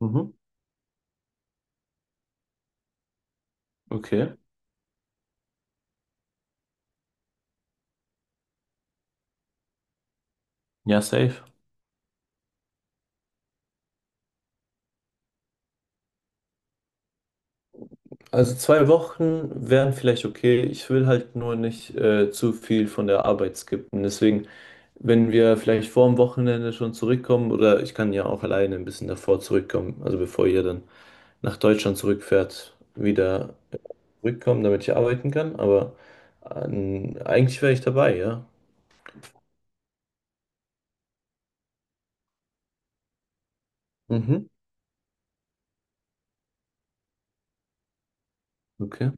Mhm. Okay. Ja, safe. Also 2 Wochen vielleicht okay. Ich will halt nur nicht zu viel von der Arbeit skippen. Deswegen, wenn wir vielleicht vor dem Wochenende schon zurückkommen, oder ich kann ja auch alleine ein bisschen davor zurückkommen, also bevor ihr dann nach Deutschland zurückfährt, wieder zurückkommen, damit ich arbeiten kann. Aber eigentlich wäre ich dabei, ja. Mhm. Okay.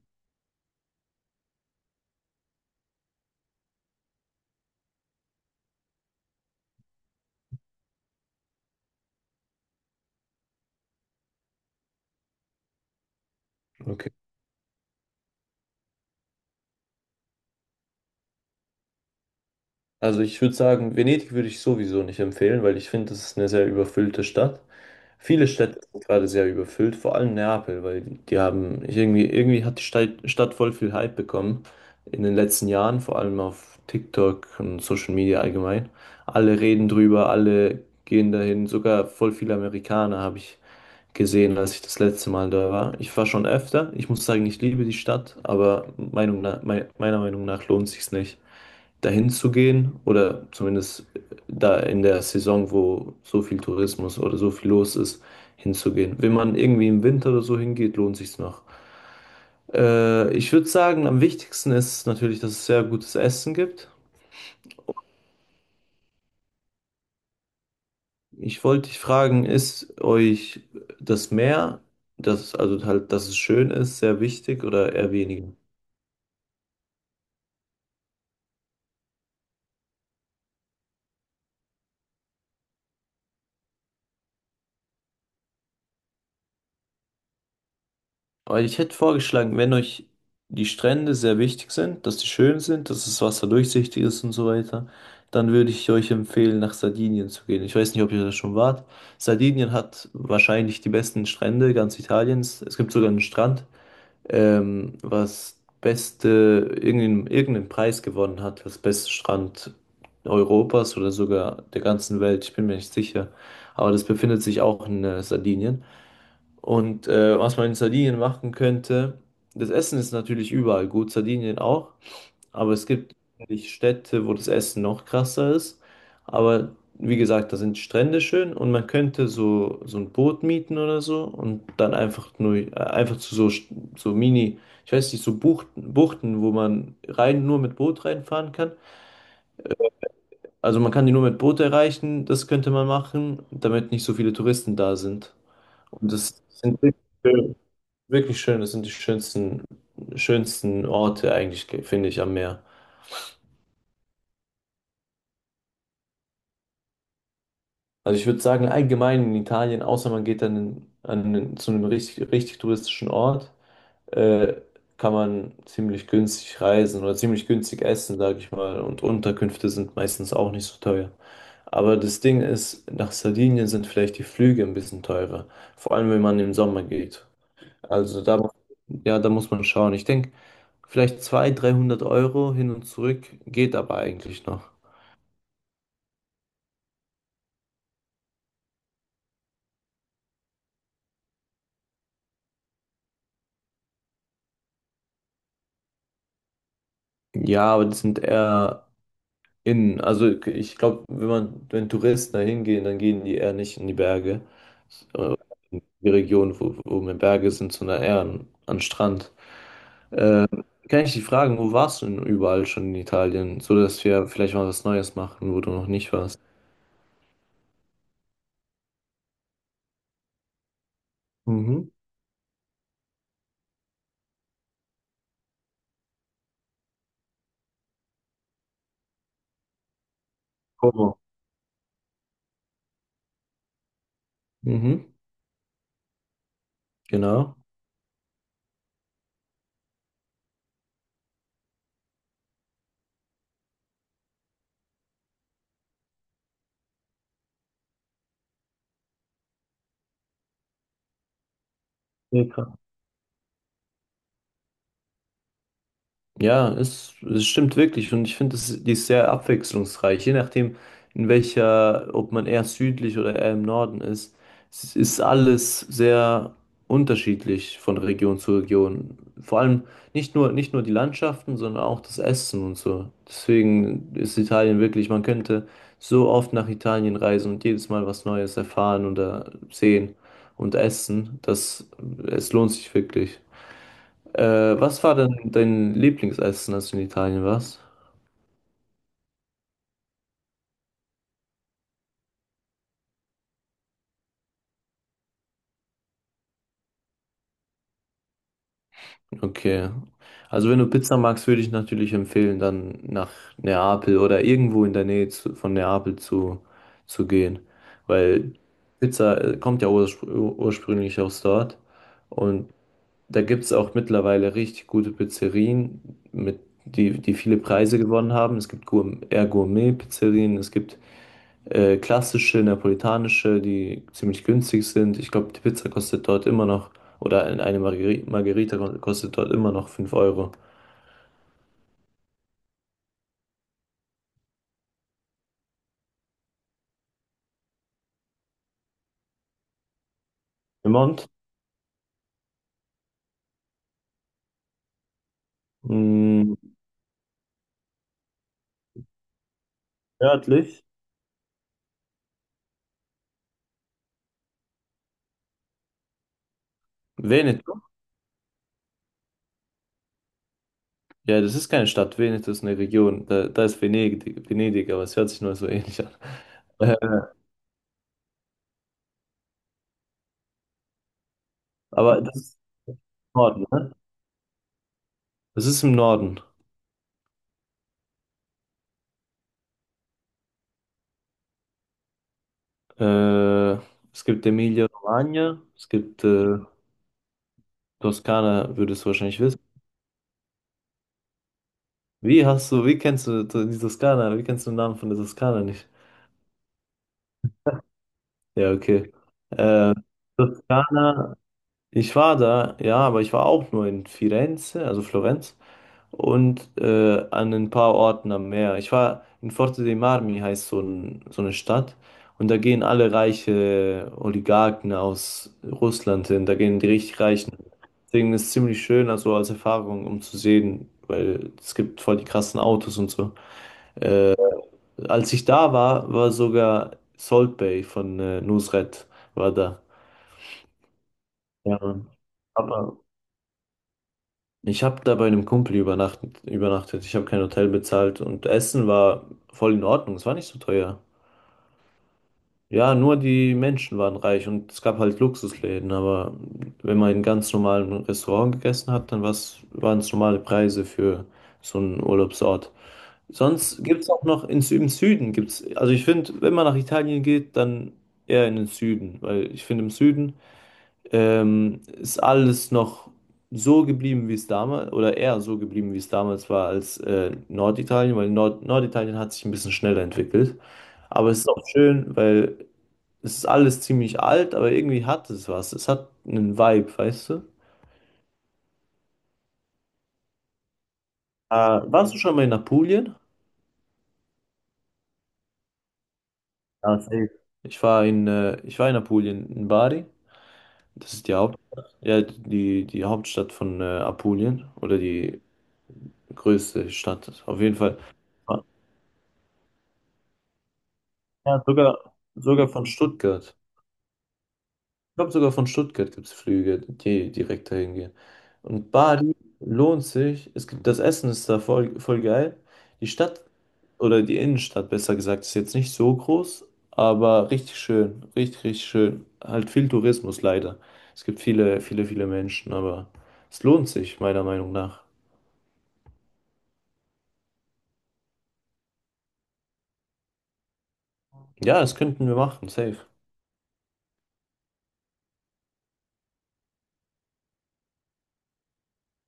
Okay. Also ich würde sagen, Venedig würde ich sowieso nicht empfehlen, weil ich finde, das ist eine sehr überfüllte Stadt. Viele Städte sind gerade sehr überfüllt, vor allem Neapel, weil die haben irgendwie hat die Stadt voll viel Hype bekommen in den letzten Jahren, vor allem auf TikTok und Social Media allgemein. Alle reden drüber, alle gehen dahin, sogar voll viele Amerikaner habe ich gesehen, als ich das letzte Mal da war. Ich war schon öfter, ich muss sagen, ich liebe die Stadt, aber Meinung nach, meiner Meinung nach lohnt sich's nicht dahin zu gehen oder zumindest da in der Saison, wo so viel Tourismus oder so viel los ist, hinzugehen. Wenn man irgendwie im Winter oder so hingeht, lohnt sich's noch. Ich würde sagen, am wichtigsten ist natürlich, dass es sehr gutes Essen gibt. Ich wollte dich fragen, ist euch das Meer, das, also halt, dass es schön ist, sehr wichtig oder eher weniger? Aber ich hätte vorgeschlagen, wenn euch die Strände sehr wichtig sind, dass die schön sind, dass das Wasser durchsichtig ist und so weiter, dann würde ich euch empfehlen, nach Sardinien zu gehen. Ich weiß nicht, ob ihr da schon wart. Sardinien hat wahrscheinlich die besten Strände ganz Italiens. Es gibt sogar einen Strand, was beste, irgendeinen Preis gewonnen hat, das beste Strand Europas oder sogar der ganzen Welt. Ich bin mir nicht sicher. Aber das befindet sich auch in Sardinien. Und was man in Sardinien machen könnte, das Essen ist natürlich überall gut, Sardinien auch, aber es gibt natürlich Städte, wo das Essen noch krasser ist. Aber wie gesagt, da sind Strände schön und man könnte so ein Boot mieten oder so und dann einfach nur, einfach zu so, so Mini, ich weiß nicht, so Buchten, wo man rein nur mit Boot reinfahren kann. Also man kann die nur mit Boot erreichen, das könnte man machen, damit nicht so viele Touristen da sind. Und das sind wirklich schön. Das sind die schönsten Orte eigentlich, finde ich, am Meer. Also ich würde sagen, allgemein in Italien, außer man geht dann zu einem richtig touristischen Ort, äh, kann man ziemlich günstig reisen oder ziemlich günstig essen, sage ich mal. Und Unterkünfte sind meistens auch nicht so teuer. Aber das Ding ist, nach Sardinien sind vielleicht die Flüge ein bisschen teurer. Vor allem, wenn man im Sommer geht. Also da, ja, da muss man schauen. Ich denke, vielleicht 200, 300 Euro hin und zurück geht aber eigentlich noch. Ja, aber das sind eher innen. Also ich glaube, wenn man, wenn Touristen da hingehen, dann gehen die eher nicht in die Berge. Äh, In die Region, wo mehr Berge sind, sondern eher an Strand. Kann ich dich fragen, wo warst du denn überall schon in Italien? So dass wir vielleicht mal was Neues machen, wo du noch nicht warst. Mhm. Como. Mhm, genau. Ja, es stimmt wirklich und ich finde, es- die ist sehr abwechslungsreich. Je nachdem, in welcher, ob man eher südlich oder eher im Norden ist, es ist alles sehr unterschiedlich von Region zu Region. Vor allem nicht nur die Landschaften, sondern auch das Essen und so. Deswegen ist Italien wirklich, man könnte so oft nach Italien reisen und jedes Mal was Neues erfahren oder sehen und essen, dass es lohnt sich wirklich. Was war denn dein Lieblingsessen, als du in Italien warst? Okay. Also wenn du Pizza magst, würde ich natürlich empfehlen, dann nach Neapel oder irgendwo in der Nähe von Neapel zu gehen. Weil Pizza kommt ja ursprünglich aus dort. Und da gibt es auch mittlerweile richtig gute Pizzerien, mit, die viele Preise gewonnen haben. Es gibt Gour eher Gourmet-Pizzerien, es gibt klassische, neapolitanische, die ziemlich günstig sind. Ich glaube, die Pizza kostet dort immer noch, oder eine Margherita kostet dort immer noch 5 Euro. Piemont, mh, nördlich. Veneto? Ja, das ist keine Stadt. Veneto ist eine Region. Da ist Venedig, aber es hört sich nur so ähnlich an. Äh, aber das ist im Norden, ne? Das ist im Norden. Äh, es gibt Emilia-Romagna, es gibt Toskana, würdest du wahrscheinlich wissen. Wie hast du, wie kennst du die Toskana? Wie kennst du den Namen von der Toskana nicht? Ja, okay. Äh, Toskana, ich war da, ja, aber ich war auch nur in Firenze, also Florenz, und an ein paar Orten am Meer. Ich war in Forte dei Marmi, heißt so, ein, so eine Stadt, und da gehen alle reiche Oligarchen aus Russland hin, da gehen die richtig Reichen. Deswegen ist es ziemlich schön, also als Erfahrung, um zu sehen, weil es gibt voll die krassen Autos und so. Äh, Als ich da war, war sogar Salt Bay von Nusret war da. Ja, Mann. Aber ich habe da bei einem Kumpel übernachtet. Ich habe kein Hotel bezahlt und Essen war voll in Ordnung. Es war nicht so teuer. Ja, nur die Menschen waren reich und es gab halt Luxusläden, aber wenn man in ganz normalen Restaurant gegessen hat, dann war's, waren es normale Preise für so einen Urlaubsort. Sonst gibt es auch noch im Süden gibt's, also ich finde, wenn man nach Italien geht, dann eher in den Süden, weil ich finde, im Süden ist alles noch so geblieben, wie es damals, oder eher so geblieben, wie es damals war, als Norditalien, weil Norditalien hat sich ein bisschen schneller entwickelt. Aber es ist auch schön, weil es ist alles ziemlich alt, aber irgendwie hat es was. Es hat einen Vibe, weißt du? Äh, warst du schon mal in Apulien? Ja, safe. Ich war ich war in Apulien, in Bari. Das ist die Hauptstadt, ja, die Hauptstadt von Apulien oder die größte Stadt. Auf jeden Fall. Ja, sogar von Stuttgart. Ich glaube, sogar von Stuttgart gibt es Flüge, die direkt dahin gehen. Und Bali lohnt sich. Es gibt, das Essen ist da voll geil. Die Stadt oder die Innenstadt, besser gesagt, ist jetzt nicht so groß, aber richtig schön. Richtig schön. Halt viel Tourismus leider. Es gibt viele Menschen, aber es lohnt sich, meiner Meinung nach. Ja, das könnten wir machen, safe.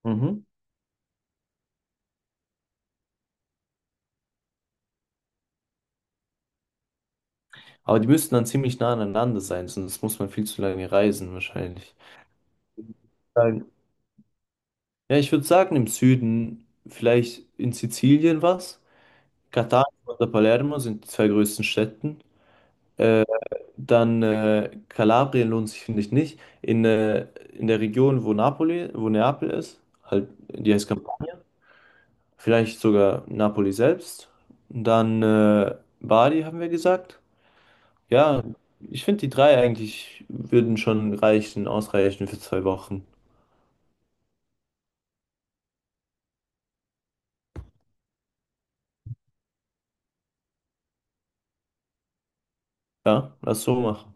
Mhm. Aber die müssten dann ziemlich nah aneinander sein, sonst muss man viel zu lange reisen wahrscheinlich. Sagen- ja, ich würde sagen, im Süden, vielleicht in Sizilien was. Catania oder Palermo sind die zwei größten Städten. Äh, dann Kalabrien lohnt sich, finde ich, nicht. In der Region, wo Napoli, wo Neapel ist, halt, die heißt Campania, vielleicht sogar Napoli selbst. Dann Bari, haben wir gesagt. Ja, ich finde die drei eigentlich würden schon reichen, ausreichen für 2 Wochen. Ja, lass so machen.